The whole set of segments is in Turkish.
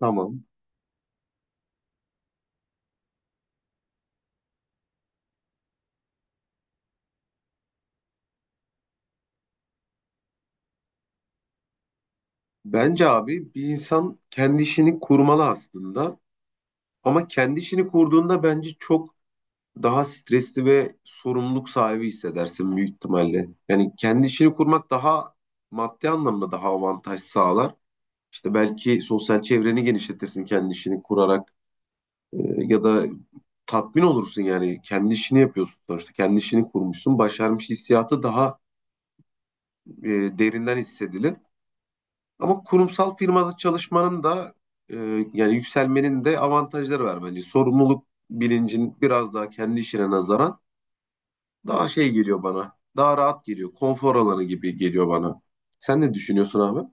Tamam. Bence abi bir insan kendi işini kurmalı aslında. Ama kendi işini kurduğunda bence çok daha stresli ve sorumluluk sahibi hissedersin büyük ihtimalle. Yani kendi işini kurmak daha maddi anlamda daha avantaj sağlar. İşte belki sosyal çevreni genişletirsin kendi işini kurarak. Ee, Ya da tatmin olursun, yani kendi işini yapıyorsun sonuçta, kendi işini kurmuşsun, başarmış hissiyatı daha e, derinden hissedilir. Ama kurumsal firmada çalışmanın da, e, yani yükselmenin de avantajları var bence. Sorumluluk bilincin biraz daha kendi işine nazaran daha şey geliyor bana. Daha rahat geliyor. Konfor alanı gibi geliyor bana. Sen ne düşünüyorsun abi?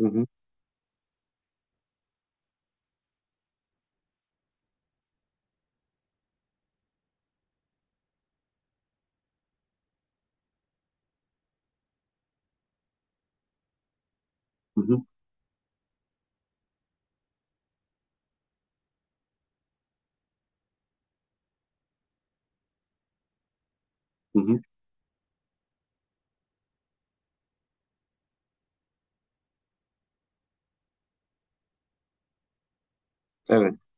Hı hı, hı hı, hı hı. Evet,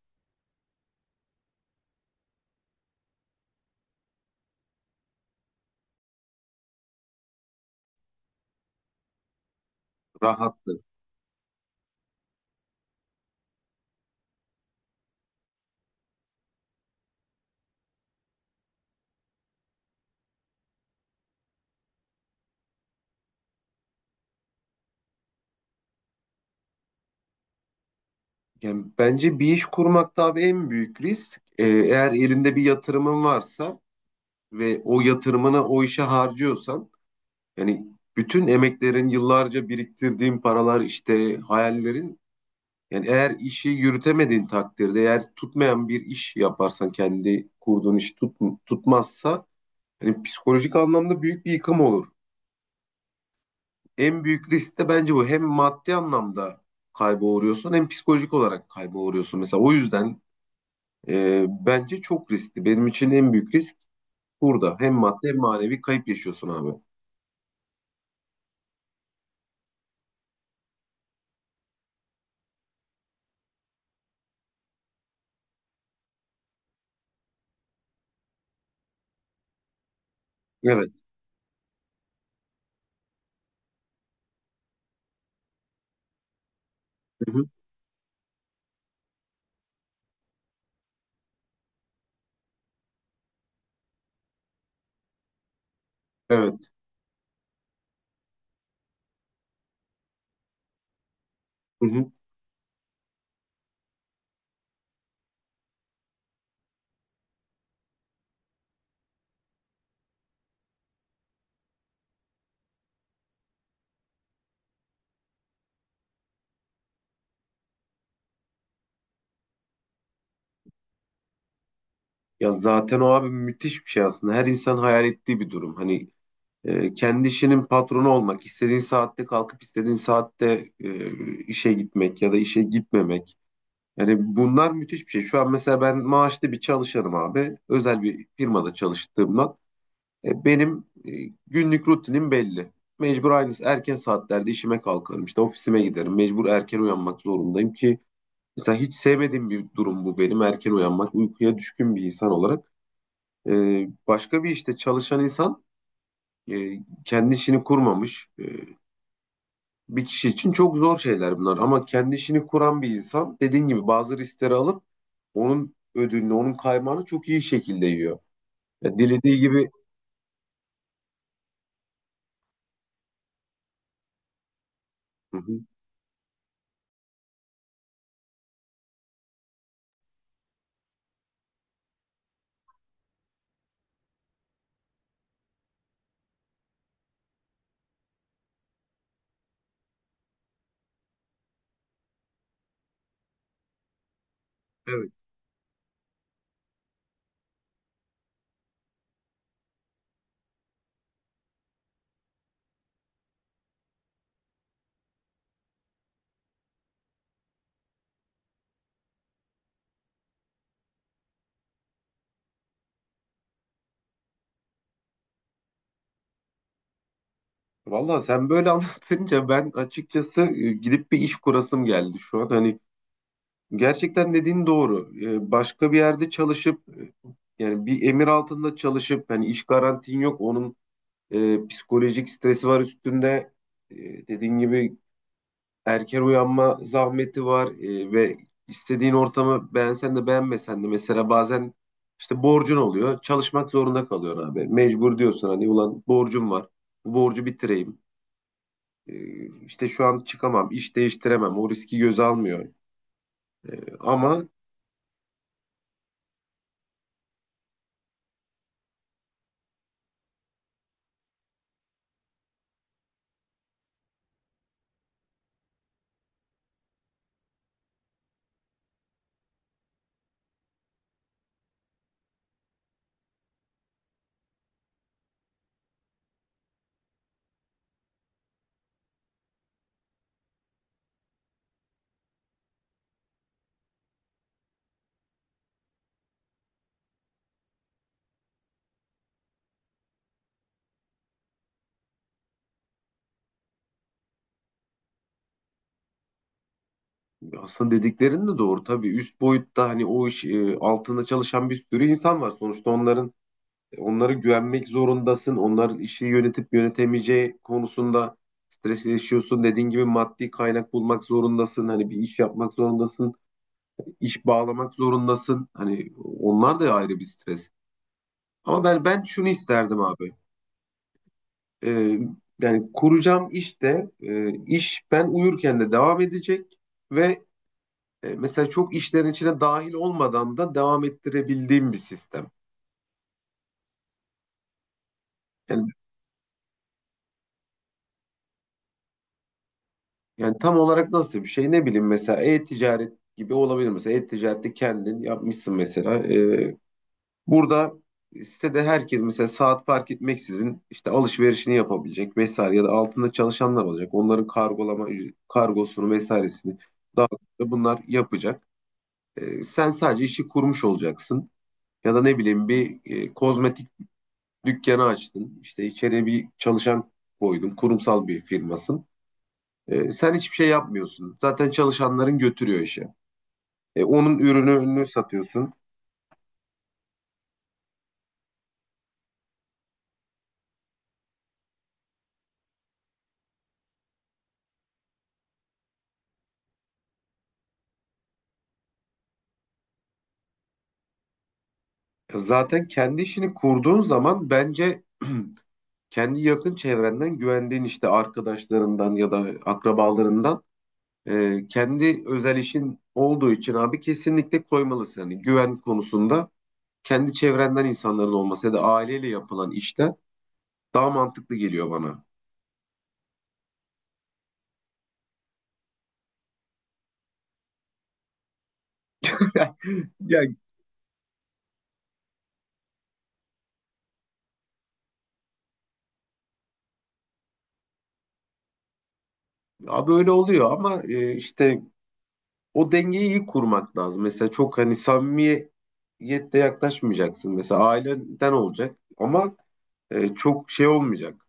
rahattır. Yani bence bir iş kurmak da abi en büyük risk. Eğer elinde bir yatırımın varsa ve o yatırımını o işe harcıyorsan, yani bütün emeklerin, yıllarca biriktirdiğin paralar, işte hayallerin. Yani eğer işi yürütemediğin takdirde, eğer tutmayan bir iş yaparsan, kendi kurduğun iş tutmazsa hani psikolojik anlamda büyük bir yıkım olur. En büyük risk de bence bu. Hem maddi anlamda kayba uğruyorsun, hem psikolojik olarak kayba uğruyorsun. Mesela o yüzden bence çok riskli. Benim için en büyük risk burada. Hem maddi hem manevi kayıp yaşıyorsun abi. Evet. Hı hı. Evet. Hı hı. Ya zaten o abi müthiş bir şey aslında. Her insan hayal ettiği bir durum. Hani kendi işinin patronu olmak, istediğin saatte kalkıp istediğin saatte işe gitmek ya da işe gitmemek. Yani bunlar müthiş bir şey. Şu an mesela ben maaşlı bir çalışanım abi. Özel bir firmada çalıştığımdan. Benim günlük rutinim belli. Mecbur aynı erken saatlerde işime kalkarım. İşte ofisime giderim. Mecbur erken uyanmak zorundayım ki mesela hiç sevmediğim bir durum bu benim. Erken uyanmak, uykuya düşkün bir insan olarak. E, Başka bir işte çalışan insan, e, kendi işini kurmamış. Bir kişi için çok zor şeyler bunlar, ama kendi işini kuran bir insan dediğin gibi bazı riskleri alıp onun ödülünü, onun kaymağını çok iyi şekilde yiyor. Ya dilediği gibi. Hı hı, evet. Valla sen böyle anlatınca ben açıkçası gidip bir iş kurasım geldi şu an. Hani gerçekten dediğin doğru. Başka bir yerde çalışıp, yani bir emir altında çalışıp hani iş garantin yok. Onun psikolojik stresi var üstünde. E, Dediğin gibi erken uyanma zahmeti var, ve istediğin ortamı beğensen de beğenmesen de mesela bazen işte borcun oluyor. Çalışmak zorunda kalıyorsun abi. Mecbur diyorsun, hani ulan borcum var. Bu borcu bitireyim. E, işte şu an çıkamam, iş değiştiremem. O riski göze almıyor. E, Ama aslında dediklerin de doğru tabii. Üst boyutta hani o iş altında çalışan bir sürü insan var. Sonuçta onların. Onlara güvenmek zorundasın. Onların işi yönetip yönetemeyeceği konusunda stres yaşıyorsun. Dediğin gibi maddi kaynak bulmak zorundasın. Hani bir iş yapmak zorundasın. İş bağlamak zorundasın. Hani onlar da ayrı bir stres. Ama ben şunu isterdim abi. Ee, Yani kuracağım işte iş ben uyurken de devam edecek ve mesela çok işlerin içine dahil olmadan da devam ettirebildiğim bir sistem. Yani Yani tam olarak nasıl bir şey, ne bileyim, mesela e-ticaret gibi olabilir. Mesela e-ticarette kendin yapmışsın mesela. Burada sitede herkes mesela saat fark etmeksizin işte alışverişini yapabilecek vesaire, ya da altında çalışanlar olacak, onların kargolama kargosunu vesairesini dağıtıp bunlar yapacak. Sen sadece işi kurmuş olacaksın. Ya da ne bileyim, bir kozmetik dükkanı açtın, işte içeriye bir çalışan koydun, kurumsal bir firmasın. Sen hiçbir şey yapmıyorsun. Zaten çalışanların götürüyor işi. Onun ürününü satıyorsun. Zaten kendi işini kurduğun zaman bence kendi yakın çevrenden güvendiğin işte arkadaşlarından ya da akrabalarından, kendi özel işin olduğu için abi, kesinlikle koymalısın. Yani güven konusunda kendi çevrenden insanların olması ya da aileyle yapılan işler daha mantıklı geliyor bana. Ya abi öyle oluyor ama, işte o dengeyi iyi kurmak lazım. Mesela çok hani samimiyette yaklaşmayacaksın. Mesela aileden olacak ama çok şey olmayacak.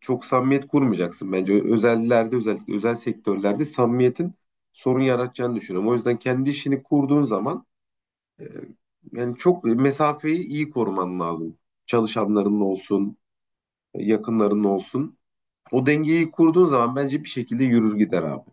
Çok samimiyet kurmayacaksın bence. Özellerde, özellikle özel sektörlerde samimiyetin sorun yaratacağını düşünüyorum. O yüzden kendi işini kurduğun zaman, e, yani çok mesafeyi iyi koruman lazım. Çalışanların olsun, yakınların olsun. O dengeyi kurduğun zaman bence bir şekilde yürür gider abi.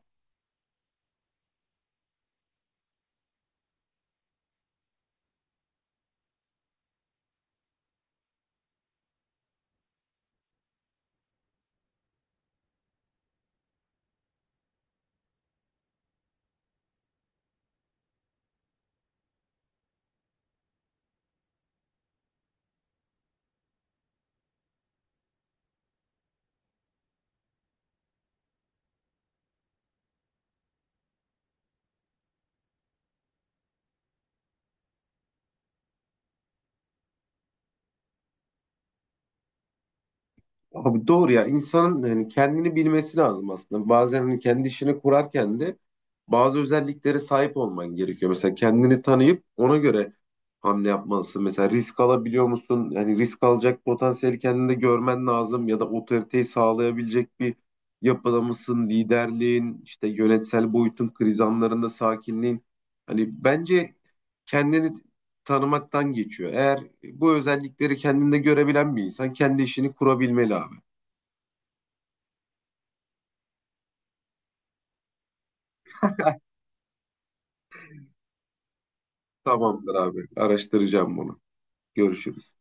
Abi doğru ya, insanın hani kendini bilmesi lazım aslında. Bazen hani kendi işini kurarken de bazı özelliklere sahip olman gerekiyor. Mesela kendini tanıyıp ona göre hamle yapmalısın. Mesela risk alabiliyor musun? Yani risk alacak potansiyeli kendinde görmen lazım, ya da otoriteyi sağlayabilecek bir yapıda mısın? Liderliğin, işte yönetsel boyutun, kriz anlarında sakinliğin. Hani bence kendini tanımaktan geçiyor. Eğer bu özellikleri kendinde görebilen bir insan kendi işini kurabilmeli abi. Tamamdır abi. Araştıracağım bunu. Görüşürüz.